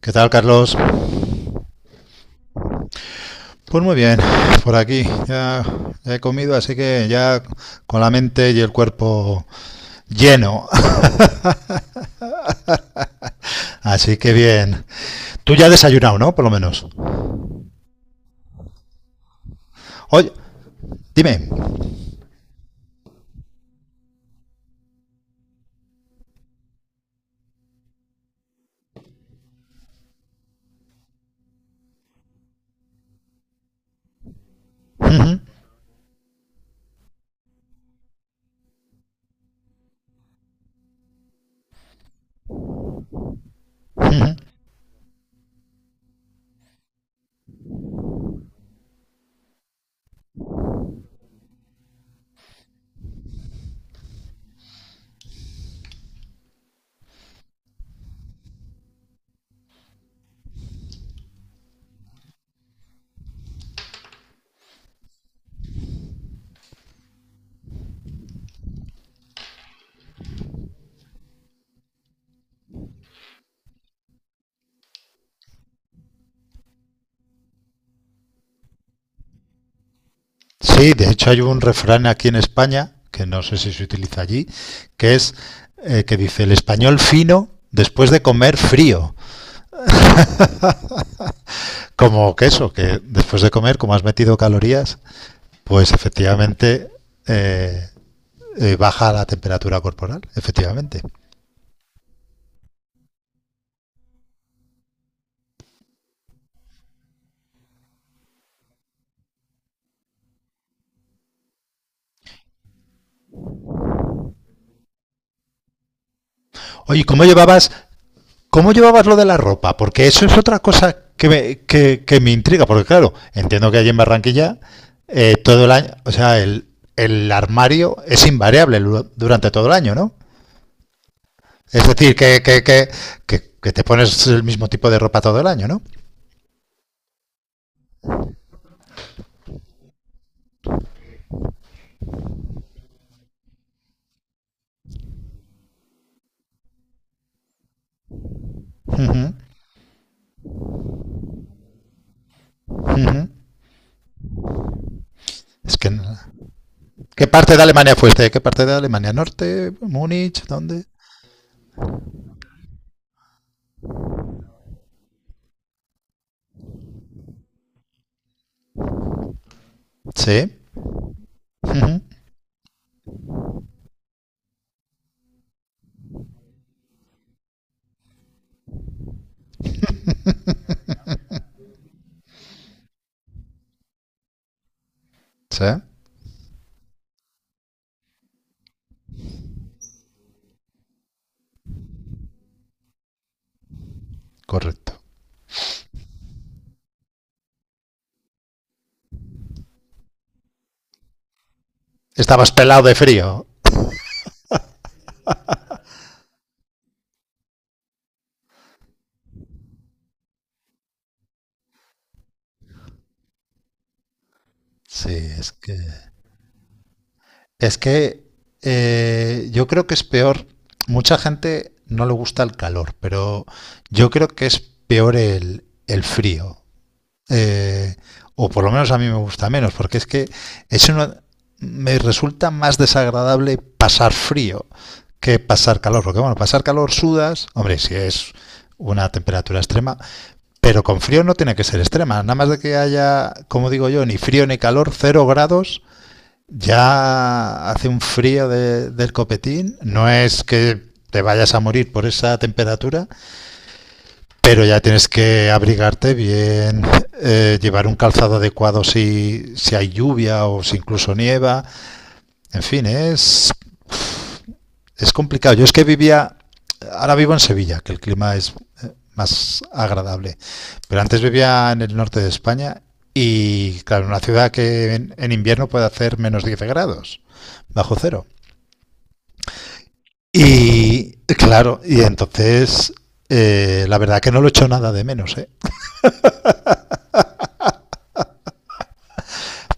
¿Qué tal, Carlos? Pues muy bien, por aquí. Ya, ya he comido, así que ya con la mente y el cuerpo lleno. Así que bien. Tú ya has desayunado, ¿no? Por lo menos. Oye, dime. Sí, de hecho hay un refrán aquí en España, que no sé si se utiliza allí, que es que dice el español fino después de comer frío. Como que eso, que después de comer, como has metido calorías, pues efectivamente... eh, baja la temperatura corporal, efectivamente. Oye, ¿cómo llevabas, ¿Cómo llevabas lo de la ropa? Porque eso es otra cosa que me intriga, porque claro, entiendo que allí en Barranquilla todo el año, o sea, el armario es invariable durante todo el año, ¿no? Es decir, que te pones el mismo tipo de ropa todo el año, ¿no? Ujú, ujú. Es que... no- ¿Qué parte de Alemania fuiste? ¿Qué parte de Alemania? ¿Norte? ¿Múnich? ¿Dónde? Sí, sí, correcto. Estabas pelado de frío. Sí, es que. Es que yo creo que es peor. Mucha gente no le gusta el calor, pero yo creo que es peor el frío. Eh, o por lo menos a mí me gusta menos, porque es que es uno, me resulta más desagradable pasar frío que pasar calor. Porque bueno, pasar calor sudas, hombre, si es una temperatura extrema. Pero con frío no tiene que ser extrema. Nada más de que haya, como digo yo, ni frío ni calor, cero grados, ya hace un frío del copetín. No es que te vayas a morir por esa temperatura, pero ya tienes que abrigarte bien, llevar un calzado adecuado si hay lluvia o si incluso nieva. En fin, es complicado. Yo es que vivía, ahora vivo en Sevilla, que el clima es más agradable, pero antes vivía en el norte de España y, claro, una ciudad que en invierno puede hacer menos 10 grados, bajo cero. Y, claro, y entonces, la verdad que no lo echo nada de menos, ¿eh?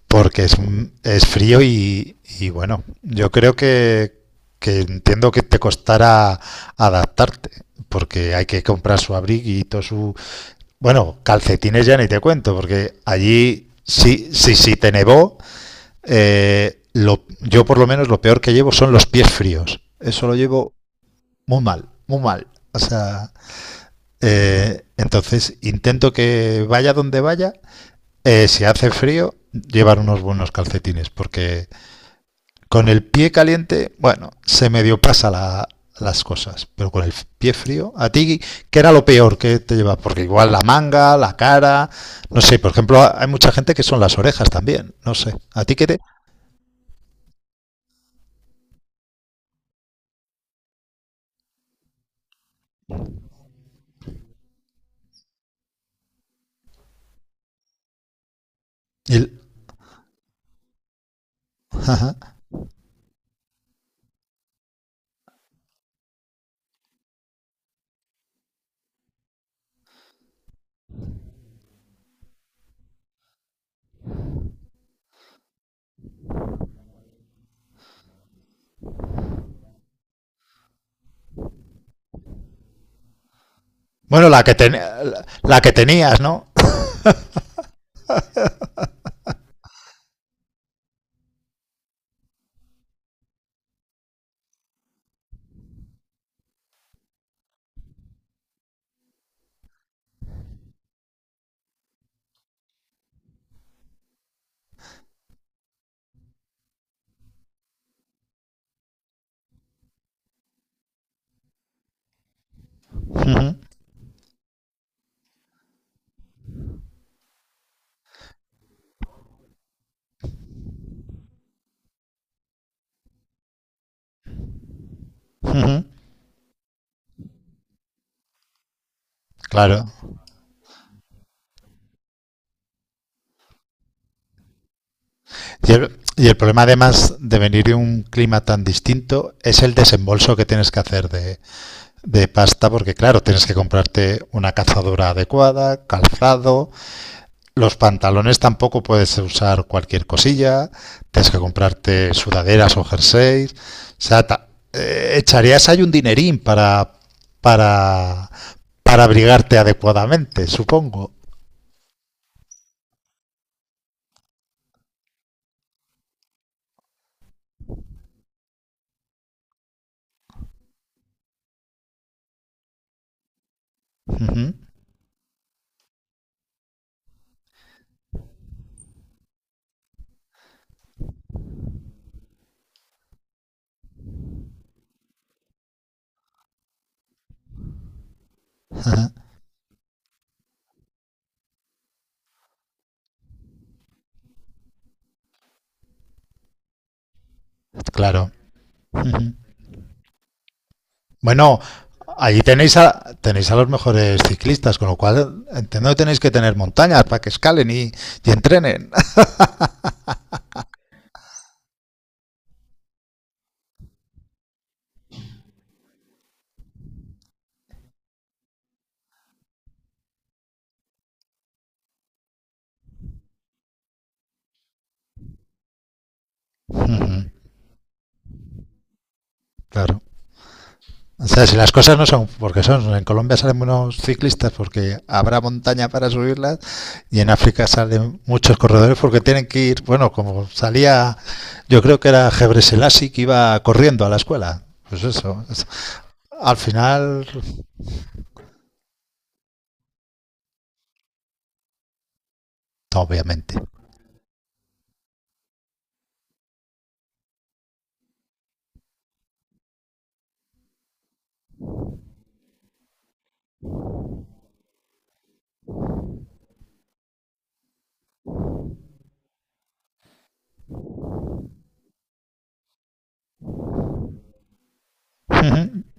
Porque es frío y bueno, yo creo que entiendo que te costará adaptarte, porque hay que comprar su abriguito, su... Bueno, calcetines ya ni te cuento, porque allí sí, sí, sí te nevó. Yo por lo menos lo peor que llevo son los pies fríos. Eso lo llevo muy mal, muy mal. O sea, entonces intento que vaya donde vaya, si hace frío, llevar unos buenos calcetines, porque con el pie caliente, bueno, se medio pasa la, las cosas, pero con el pie frío, a ti, ¿qué era lo peor que te llevaba? Porque igual la manga, la cara, no sé, por ejemplo, hay mucha gente que son las orejas también, no sé, ¿a ti qué te...? El, ajá. Bueno, la que tenías, ¿no? Uh -huh, uh -huh, claro. Y el problema además de venir de un clima tan distinto es el desembolso que tienes que hacer de pasta porque claro, tienes que comprarte una cazadora adecuada, calzado, los pantalones tampoco puedes usar cualquier cosilla, tienes que comprarte sudaderas o jerseys, o sea, echarías ahí un dinerín para para abrigarte adecuadamente, supongo. Ujú. Claro. Ujú. Bueno, allí tenéis a tenéis a los mejores ciclistas, con lo cual entiendo que tenéis que tener montañas para que escalen y entrenen. Ujú. Claro. O sea, si las cosas no son porque son, en Colombia salen buenos ciclistas porque habrá montaña para subirlas y en África salen muchos corredores porque tienen que ir, bueno, como salía, yo creo que era Gebre Selassie que iba corriendo a la escuela. Pues eso. Eso. Al final, obviamente.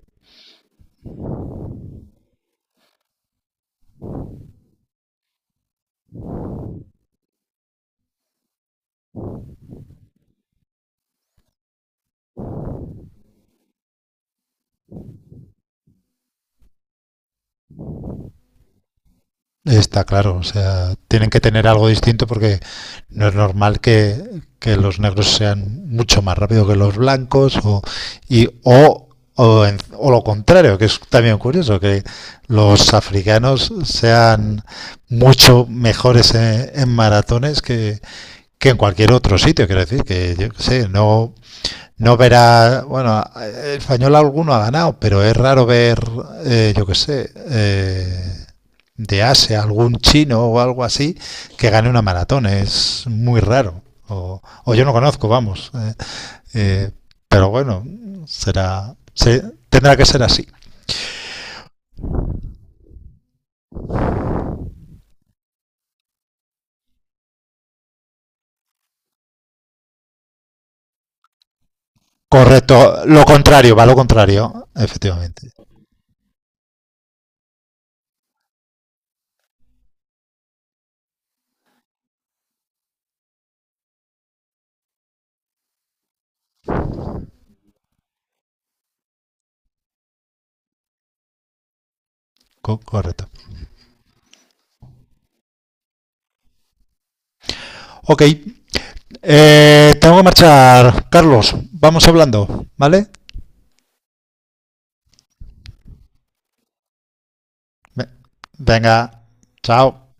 Está claro, o sea, tienen que tener algo distinto porque no es normal que los negros sean mucho más rápidos que los blancos o, y, o, o, en- o lo contrario, que es también curioso, que los africanos sean mucho mejores en maratones que en cualquier otro sitio, quiero decir, que yo qué sé, no, no verás, bueno, el español alguno ha ganado, pero es raro ver, eh, yo qué sé, eh, de Asia, algún chino o algo así que gane una maratón. Es muy raro. O yo no conozco, vamos. Eh, pero bueno, será, se- tendrá que ser así. Correcto, lo contrario, va lo contrario, efectivamente. Correcto. Ok, tengo que marchar, Carlos. Vamos hablando, ¿vale? Ve- Venga, chao.